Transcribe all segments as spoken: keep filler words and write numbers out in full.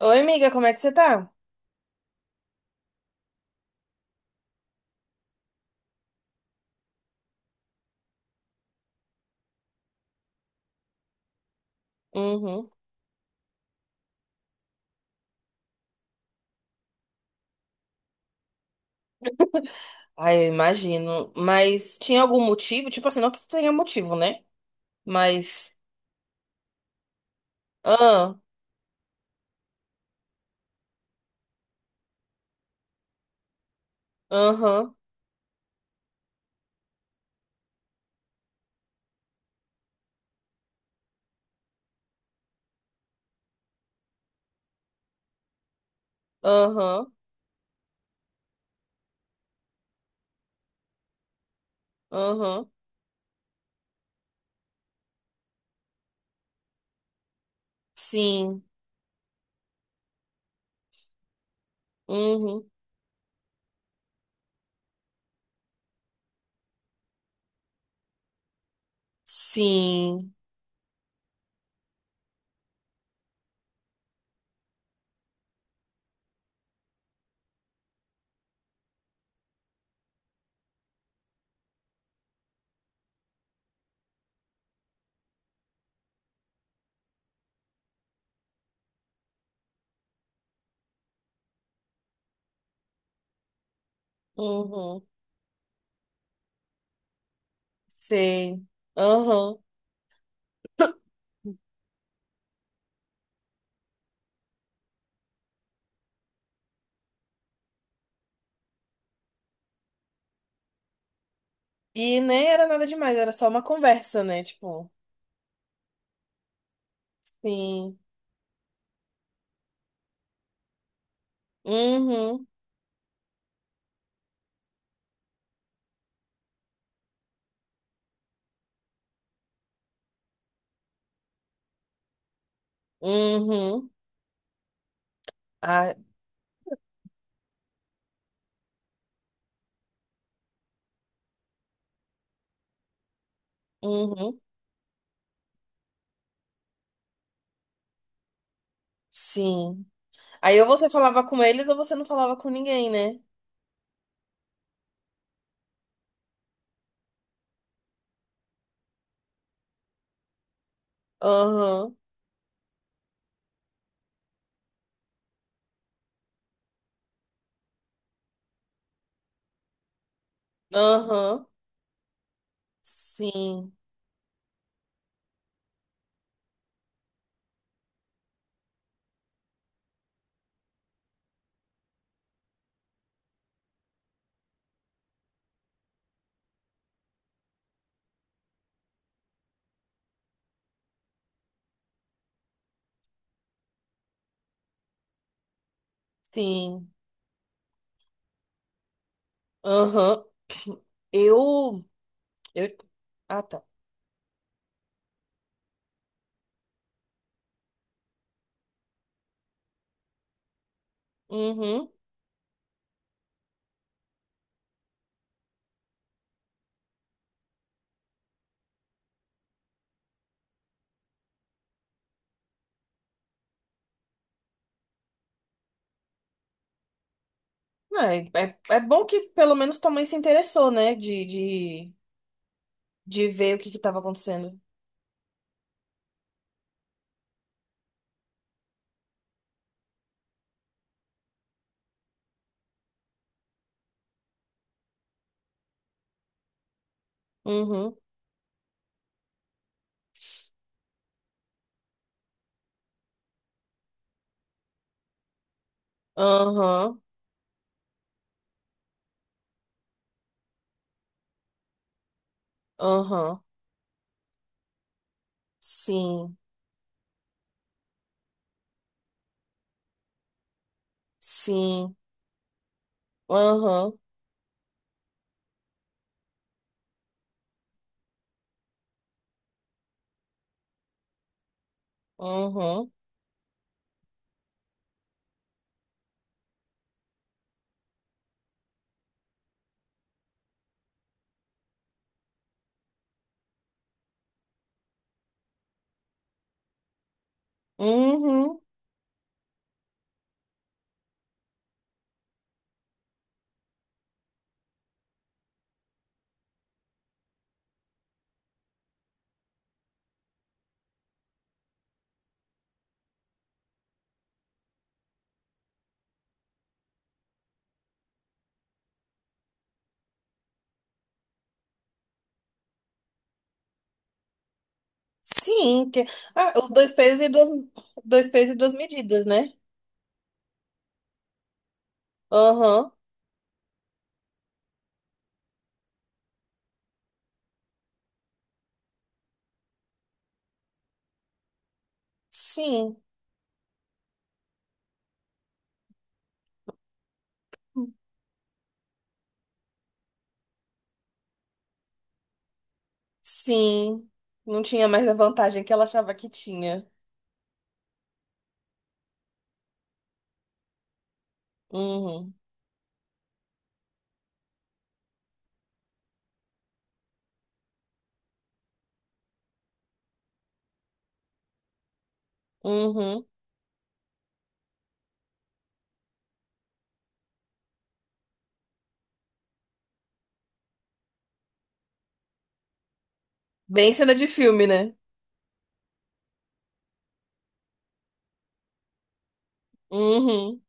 Oi, amiga, como é que você tá? Uhum. Ai, eu imagino. Mas tinha algum motivo? Tipo assim, não que tenha motivo, né? Mas. Ah, aham, aham, aham. Sim. Uhum. Sim. Uhum. Sei. Aham. E nem era nada demais, era só uma conversa, né? Tipo, sim. Uhum. Uhum. Ah, uhum. Sim. Aí ou você falava com eles ou você não falava com ninguém, né? Aham. Aham, sim, sim, aham. Eu, eu, ah tá, uhum. É, é, é bom que pelo menos tua mãe se interessou, né, de, de, de ver o que que tava acontecendo. Uhum, aham, aham, sim, sim, aham, uhum, uhum, sim, que, ah, os dois pesos e duas, dois pesos e duas medidas, né? Aham, sim. Sim, não tinha mais a vantagem que ela achava que tinha. Uhum, uhum. Bem cena de filme, né? Uhum.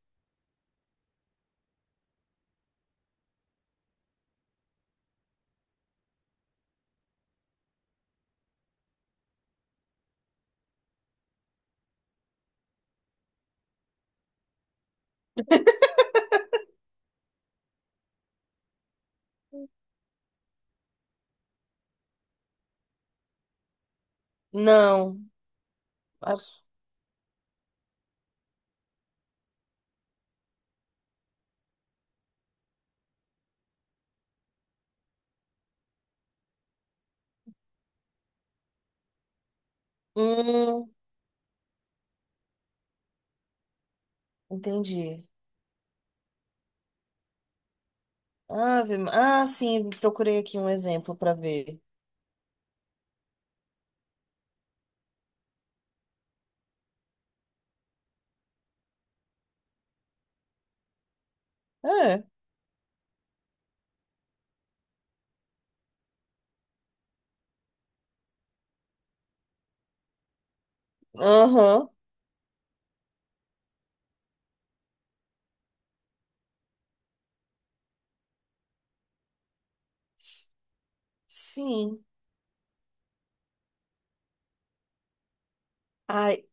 Não. Acho- Hum, entendi. Ave. Ah, sim, procurei aqui um exemplo para ver. É. Aham. Sim. Ai.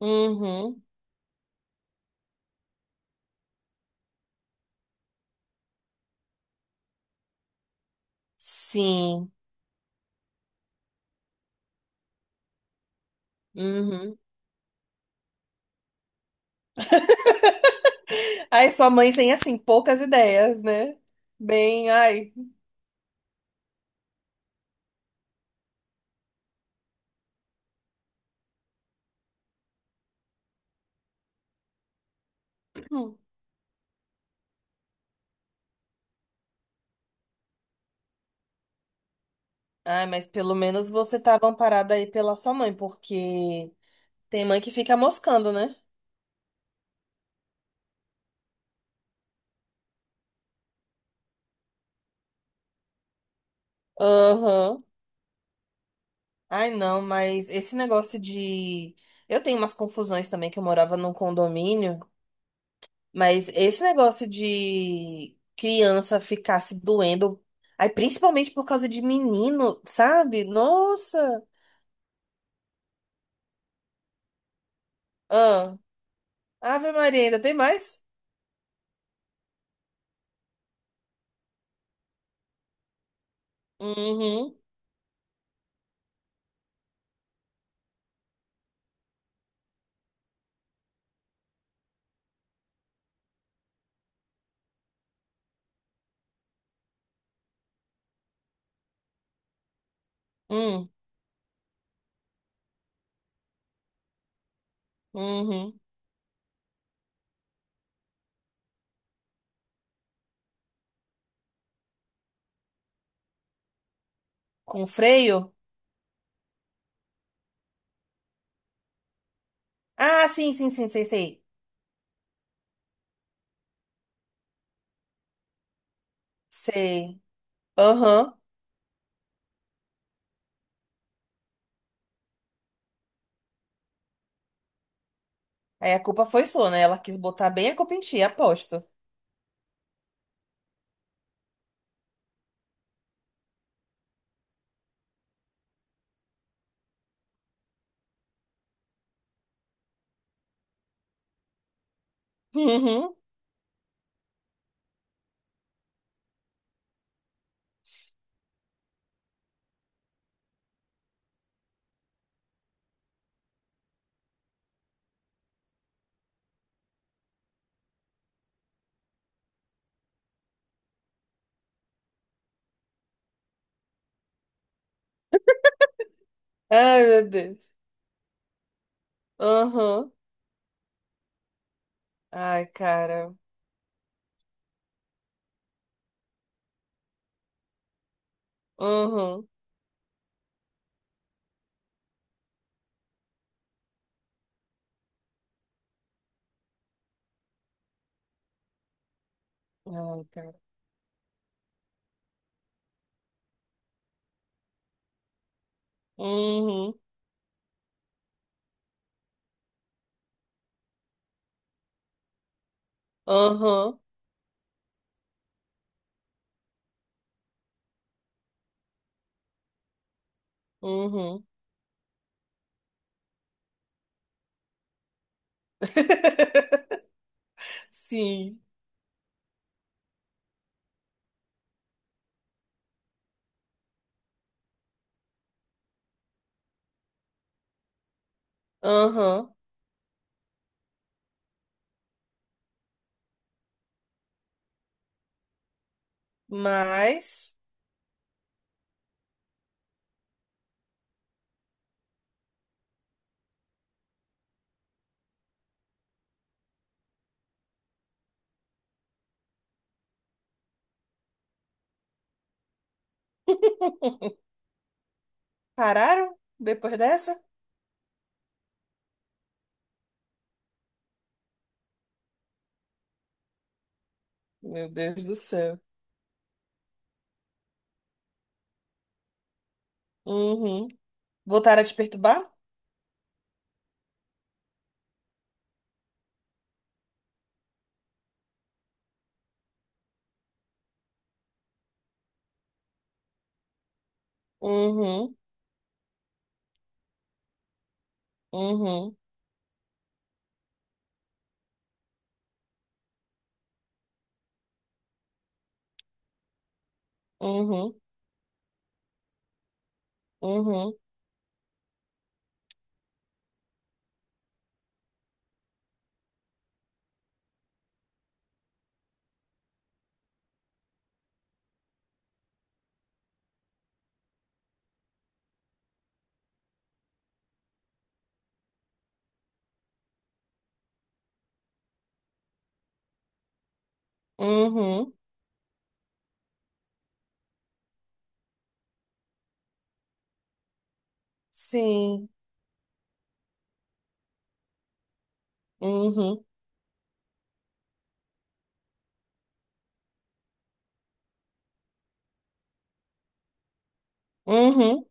Uhum. Sim. Uhum. Ai, sua mãe tem, assim, poucas ideias, né? Bem, ai. Hum. Ai, mas pelo menos você tava amparada aí pela sua mãe, porque tem mãe que fica moscando, né? Aham. Ai, não, mas esse negócio de. Eu tenho umas confusões também, que eu morava num condomínio, mas esse negócio de criança ficar se doendo, aí principalmente por causa de menino, sabe? Nossa! Ah, Ave Maria, ainda tem mais? Uhum, uhum, uhum. Com freio? Ah, sim, sim, sim, sei, sei. Sei. Aham. Aí a culpa foi sua, né? Ela quis botar bem a culpa em ti, aposto. Uhum. Ai, meu Deus. Aham. Ai, cara. Uhum. Ai, cara. Uhum. Aham. Uhum. Sim. Aham. Mas pararam depois dessa? Meu Deus do céu. Uhum. Voltaram a te perturbar? Uhum. Uhum. Uhum. Uhum. Uhum. Sim. Uhum. Uhum.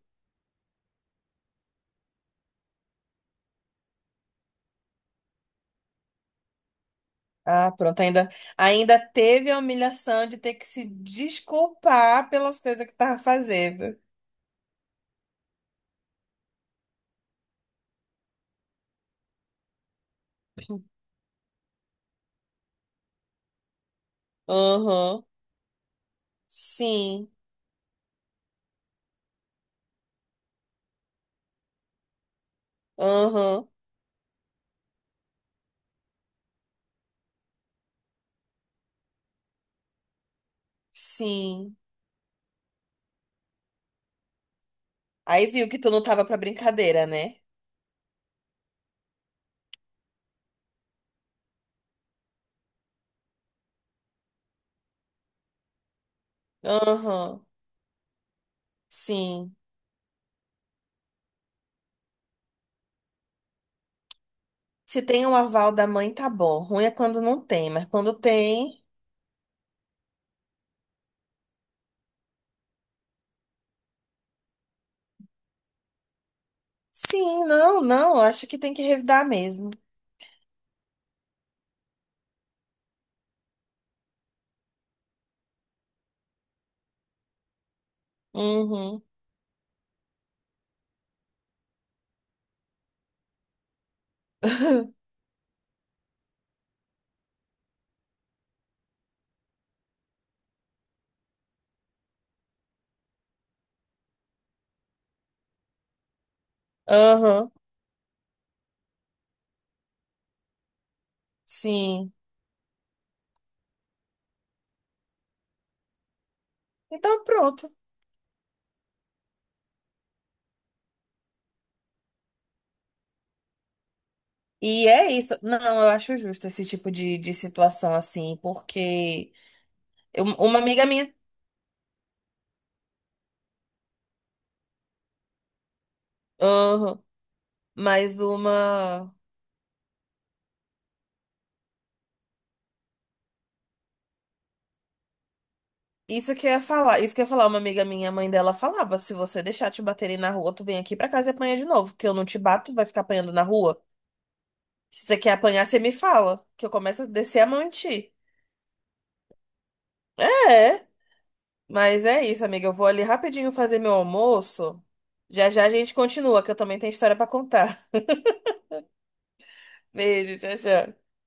Ah, pronto, ainda, ainda teve a humilhação de ter que se desculpar pelas coisas que tava fazendo. Aham, sim, aham, sim. Aí viu que tu não tava pra brincadeira, né? Aham, sim. Se tem um aval da mãe, tá bom. Ruim é quando não tem, mas quando tem, sim, não, não, acho que tem que revidar mesmo. Uhum. Aham, sim. Então pronto. E é isso. Não, eu acho justo esse tipo de, de situação assim, porque eu- uma amiga minha, aham, mas uma. Isso que eu ia falar, isso que eu ia falar, uma amiga minha, a mãe dela falava: se você deixar te baterem na rua, tu vem aqui pra casa e apanha de novo, porque eu não te bato, vai ficar apanhando na rua. Se você quer apanhar, você me fala, que eu começo a descer a mão em ti. É, mas é isso, amiga. Eu vou ali rapidinho fazer meu almoço. Já já a gente continua, que eu também tenho história pra contar. Beijo, tchau, tchau.